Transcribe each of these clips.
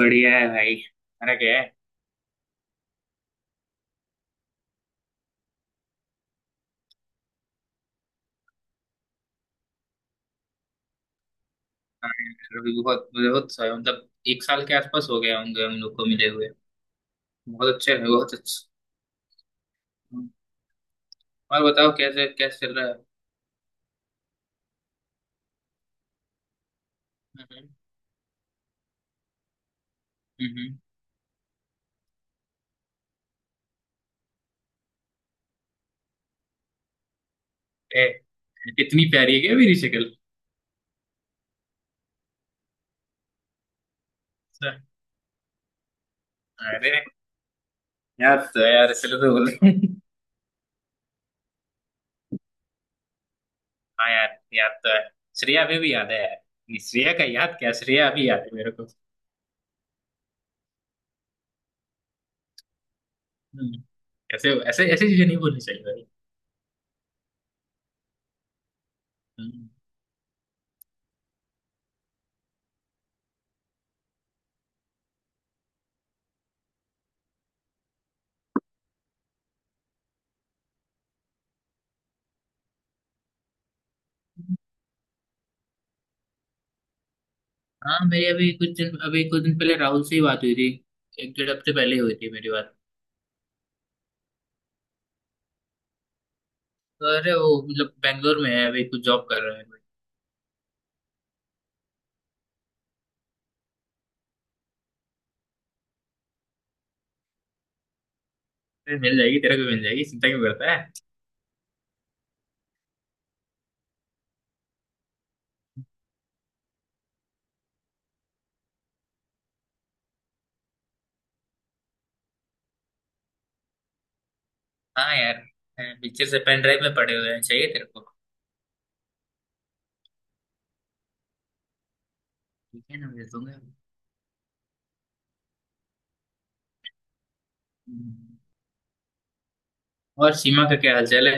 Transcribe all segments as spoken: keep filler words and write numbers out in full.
बढ़िया है भाई। मेरा क्या है। हाँ, अभी बहुत बहुत सा- मतलब एक साल के आसपास हो गया होंगे हम लोग को मिले हुए। बहुत अच्छे हैं, बहुत अच्छे। और बताओ, कैसे कैसे चल रहा है। हम्म। हम्म। ए, इतनी प्यारी है क्या मेरी शक्ल? अच्छा। अरे याद तो है यार, इसलिए तो बोल रहा हूँ। हाँ यार, याद तो है। श्रेया अभी भी याद है यार। नहीं, श्रेया का याद क्या, श्रेया अभी याद है मेरे को। हम्म, ऐसे ऐसे ऐसी चीजें नहीं बोलनी चाहिए भाई। हम्म। हाँ मेरी अभी कुछ दिन अभी कुछ दिन पहले राहुल से ही बात हुई थी। एक डेढ़ हफ्ते पहले ही हुई थी मेरी बात। तो अरे वो मतलब बैंगलोर में है, अभी कुछ जॉब कर रहा है। अरे मिल जाएगी तेरे को, मिल जाएगी, चिंता क्यों करता है। हाँ यार, पिक्चर से पेन ड्राइव में पड़े हुए हैं, चाहिए तेरे को? ठीक है ना, भेज दूंगा। हम्म, और सीमा का क्या हालचाल है?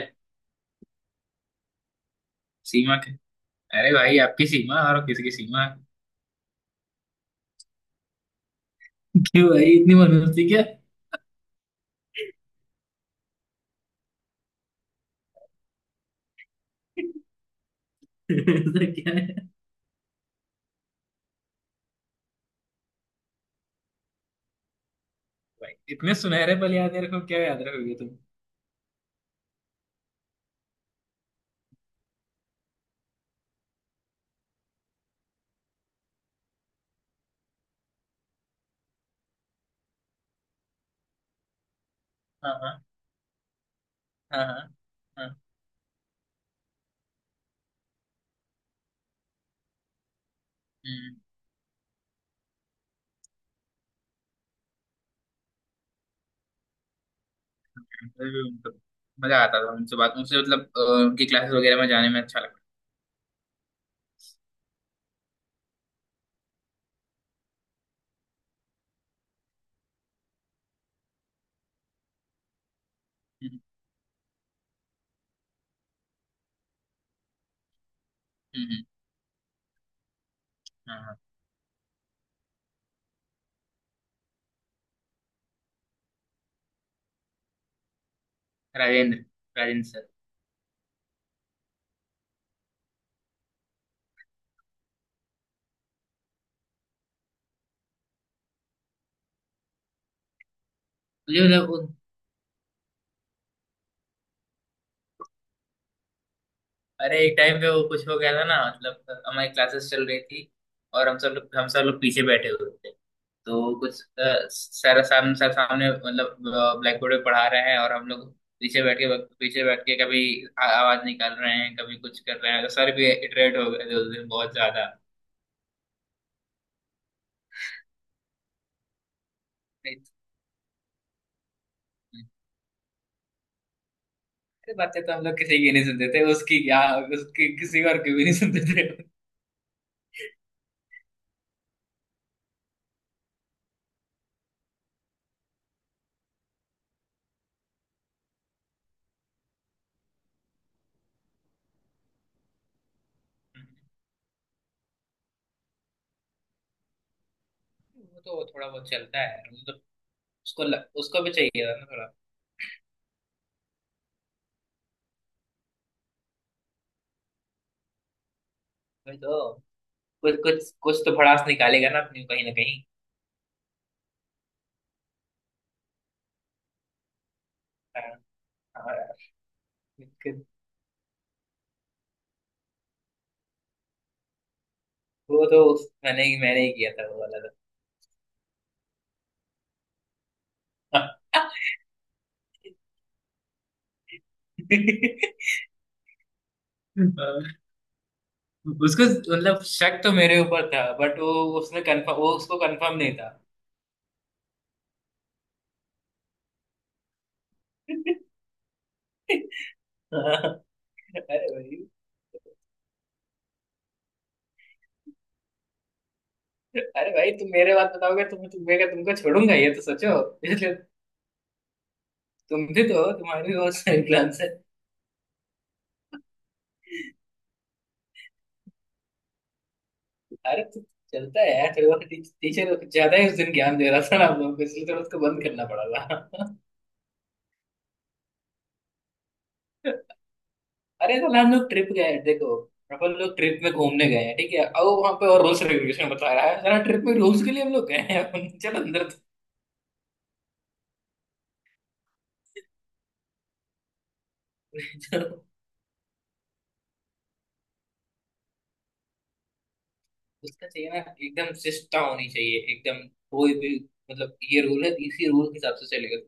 सीमा का। अरे भाई, आपकी सीमा और किसकी सीमा? क्यों भाई, इतनी मनोस्ती क्या? ऐसा क्या है? भाई इतने सुनहरे पल याद है रखो, क्या याद रखोगे तुम। हाँ हाँ। हाँ हाँ। हाँ। हम्म। इंटरव्यू मतलब। मजा आता था उनसे बात, उनसे मतलब अ, उनकी क्लासेस वगैरह में जाने में अच्छा लगता। हम्म। हम्म, हाँ हाँ। राजेंद्र राजेंद्र सर। मुझे मतलब उन- अरे एक टाइम पे वो कुछ हो गया था ना, मतलब हमारी क्लासेस चल रही थी। और हम सब लोग हम सब लोग पीछे बैठे हुए थे। तो कुछ अ, सर सामने सर सामने मतलब ब्लैक बोर्ड पे पढ़ा रहे हैं, और हम लोग पीछे बैठ के पीछे बैठ के कभी आ- आवाज निकाल रहे हैं, कभी कुछ कर रहे हैं, तो सर भी इटरेट हो गए थे उस दिन बहुत ज्यादा। अरे बातें तो हम लोग किसी की नहीं सुनते थे, उसकी क्या। उसकी किसी और की भी नहीं सुनते थे। वो तो थोड़ा बहुत चलता है वो तो। उसको ल, उसको भी चाहिए था ना थोड़ा। वही तो। कुछ कुछ कुछ तो भड़ास निकालेगा ना अपनी, कहीं ना कहीं। हाँ। हाँ। कि- वो तो उस, मैंने ही मैंने ही किया था वो वाला। तो उसको मतलब, शक तो मेरे ऊपर था बट वो उसने कंफर्म, वो उसको कंफर्म नहीं था। हाँ। अरे भाई, अरे भाई तुम मेरे बात बताओगे तो मैं तुम्हें का तुमको छोड़ूंगा, ये तो सोचो इसलिए तुम भी तो हो, तुम्हारे भी बहुत सारे प्लान्स है। अरे तो चलता है यार, थोड़ा टीचर ज्यादा ही उस दिन ज्ञान दे रहा था ना हम लोग को, इसलिए थोड़ा उसको बंद करना पड़ा था। अरे तो हम लोग ट्रिप गए, देखो अपन लोग ट्रिप में घूमने गए हैं, ठीक है, और वहां पे और रूल्स रेगुलेशन बता रहा है सारा, ट्रिप में रूल्स के लिए हम लोग गए हैं? अपन चल अंदर तो। तो उसका चाहिए ना एकदम शिष्टता होनी चाहिए, एकदम कोई भी, मतलब ये रूल है, इसी रूल के हिसाब से चलेगा।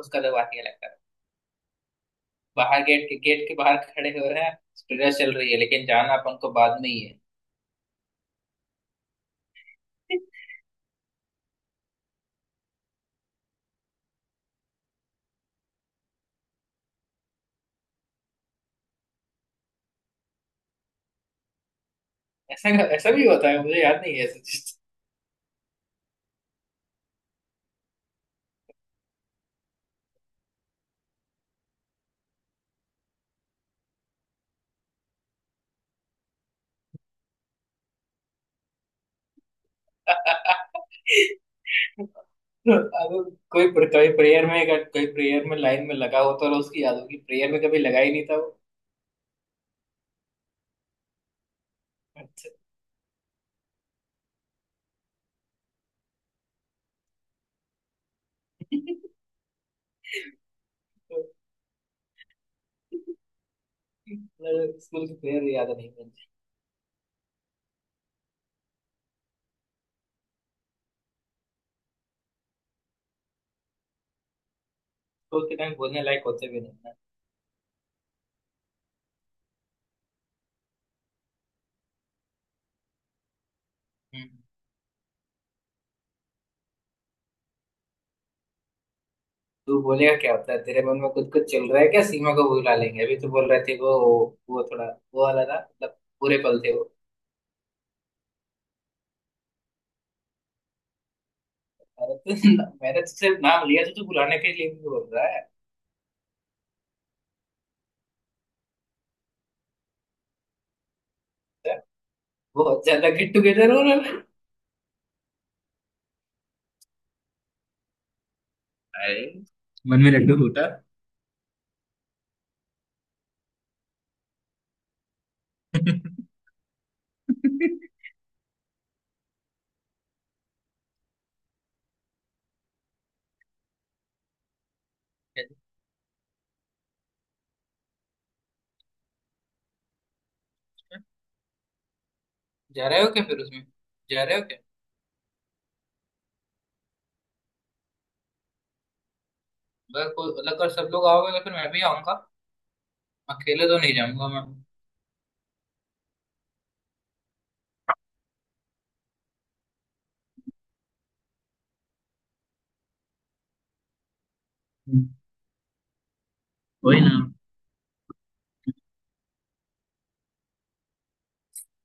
उसका तो बात ये लगता है, बाहर गेट के गेट के बाहर खड़े हो रहे हैं, स्टूडियो चल रही है, लेकिन जाना अपन को बाद में ही है। ऐसा ऐसा भी होता है, मुझे याद नहीं है ऐसा चीज। अगर कोई कोई प्रेयर में अगर कोई प्रेयर में लाइन में लगा होता तो उसकी याद होगी, प्रेयर में कभी लगा ही नहीं था वो। अच्छा। स्कूल की प्रेयर याद नहीं मुझे। स्कूल के टाइम बोलने लायक होते भी नहीं ना। हम्म। तू बोलेगा क्या होता है, तेरे मन में कुछ कुछ चल रहा है क्या, सीमा को बुला लेंगे, अभी तो बोल रहे थे वो। वो थोड़ा वो वाला था, मतलब बुरे पल थे वो। अरे तो ना- मैंने तो सिर्फ नाम लिया, तो तू बुलाने के लिए भी बोल रहा है। अच्छा, बहुत ज्यादा गेट टुगेदर हो रहा है। अरे मन में लड्डू फूटा। जा रहे हो क्या फिर उसमें? जा रहे हो क्या? अगर कोई मतलब अगर सब लोग आओगे तो फिर मैं भी आऊंगा, अकेले तो नहीं जाऊंगा मैं। हम्म, वही ना।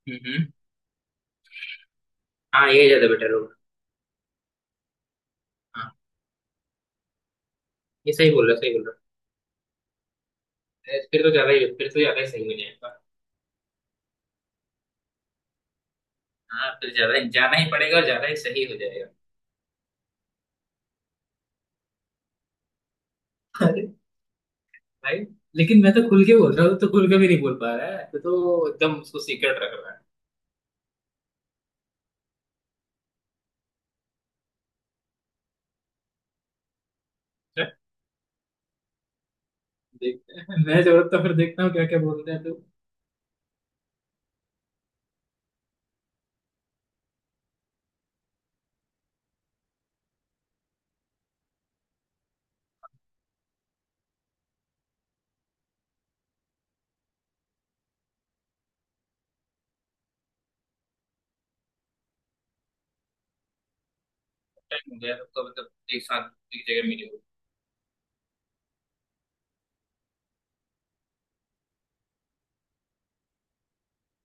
हम्म। हाँ ये ज्यादा बेटर होगा। हाँ ये सही बोल रहा, सही बोल रहा। अरे फिर तो ज्यादा ही फिर तो ज्यादा ही सही हो जाएगा। हाँ फिर ज्यादा ही जाना ही पड़ेगा, और ज्यादा ही सही हो जाएगा। अरे भाई, लेकिन मैं तो खुल के बोल रहा हूँ, तो खुल के भी नहीं बोल पा रहा है तो, तो एकदम उसको सीक्रेट रख रहा है। अच्छा, देखते हैं मैं, जरूरत तो फिर देखता हूँ क्या क्या बोलते हैं तो। टाइम हो गया तब तो, मतलब एक साथ एक जगह मिले हो।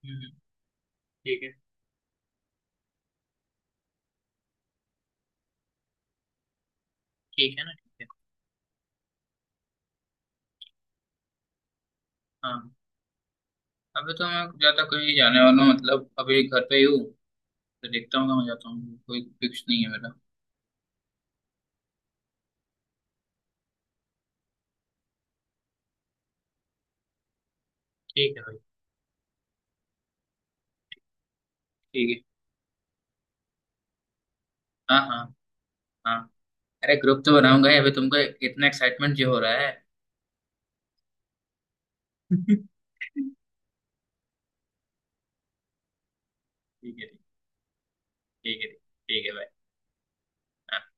हम्म, ठीक है। ठीक है ना, ठीक है। हाँ अभी तो मैं ज्यादा कहीं जाने वाला हूँ, मतलब अभी घर पे ही हूँ। तो देखता हूँ कहाँ जाता हूँ, कोई फिक्स नहीं है मेरा। ठीक है भाई। ठीक है। हाँ हाँ। हाँ। अरे ग्रुप तो बनाऊंगा ही अभी तुमको, इतना एक्साइटमेंट जो हो रहा है। ठीक है। ठीक है, ठीक है भाई। हाँ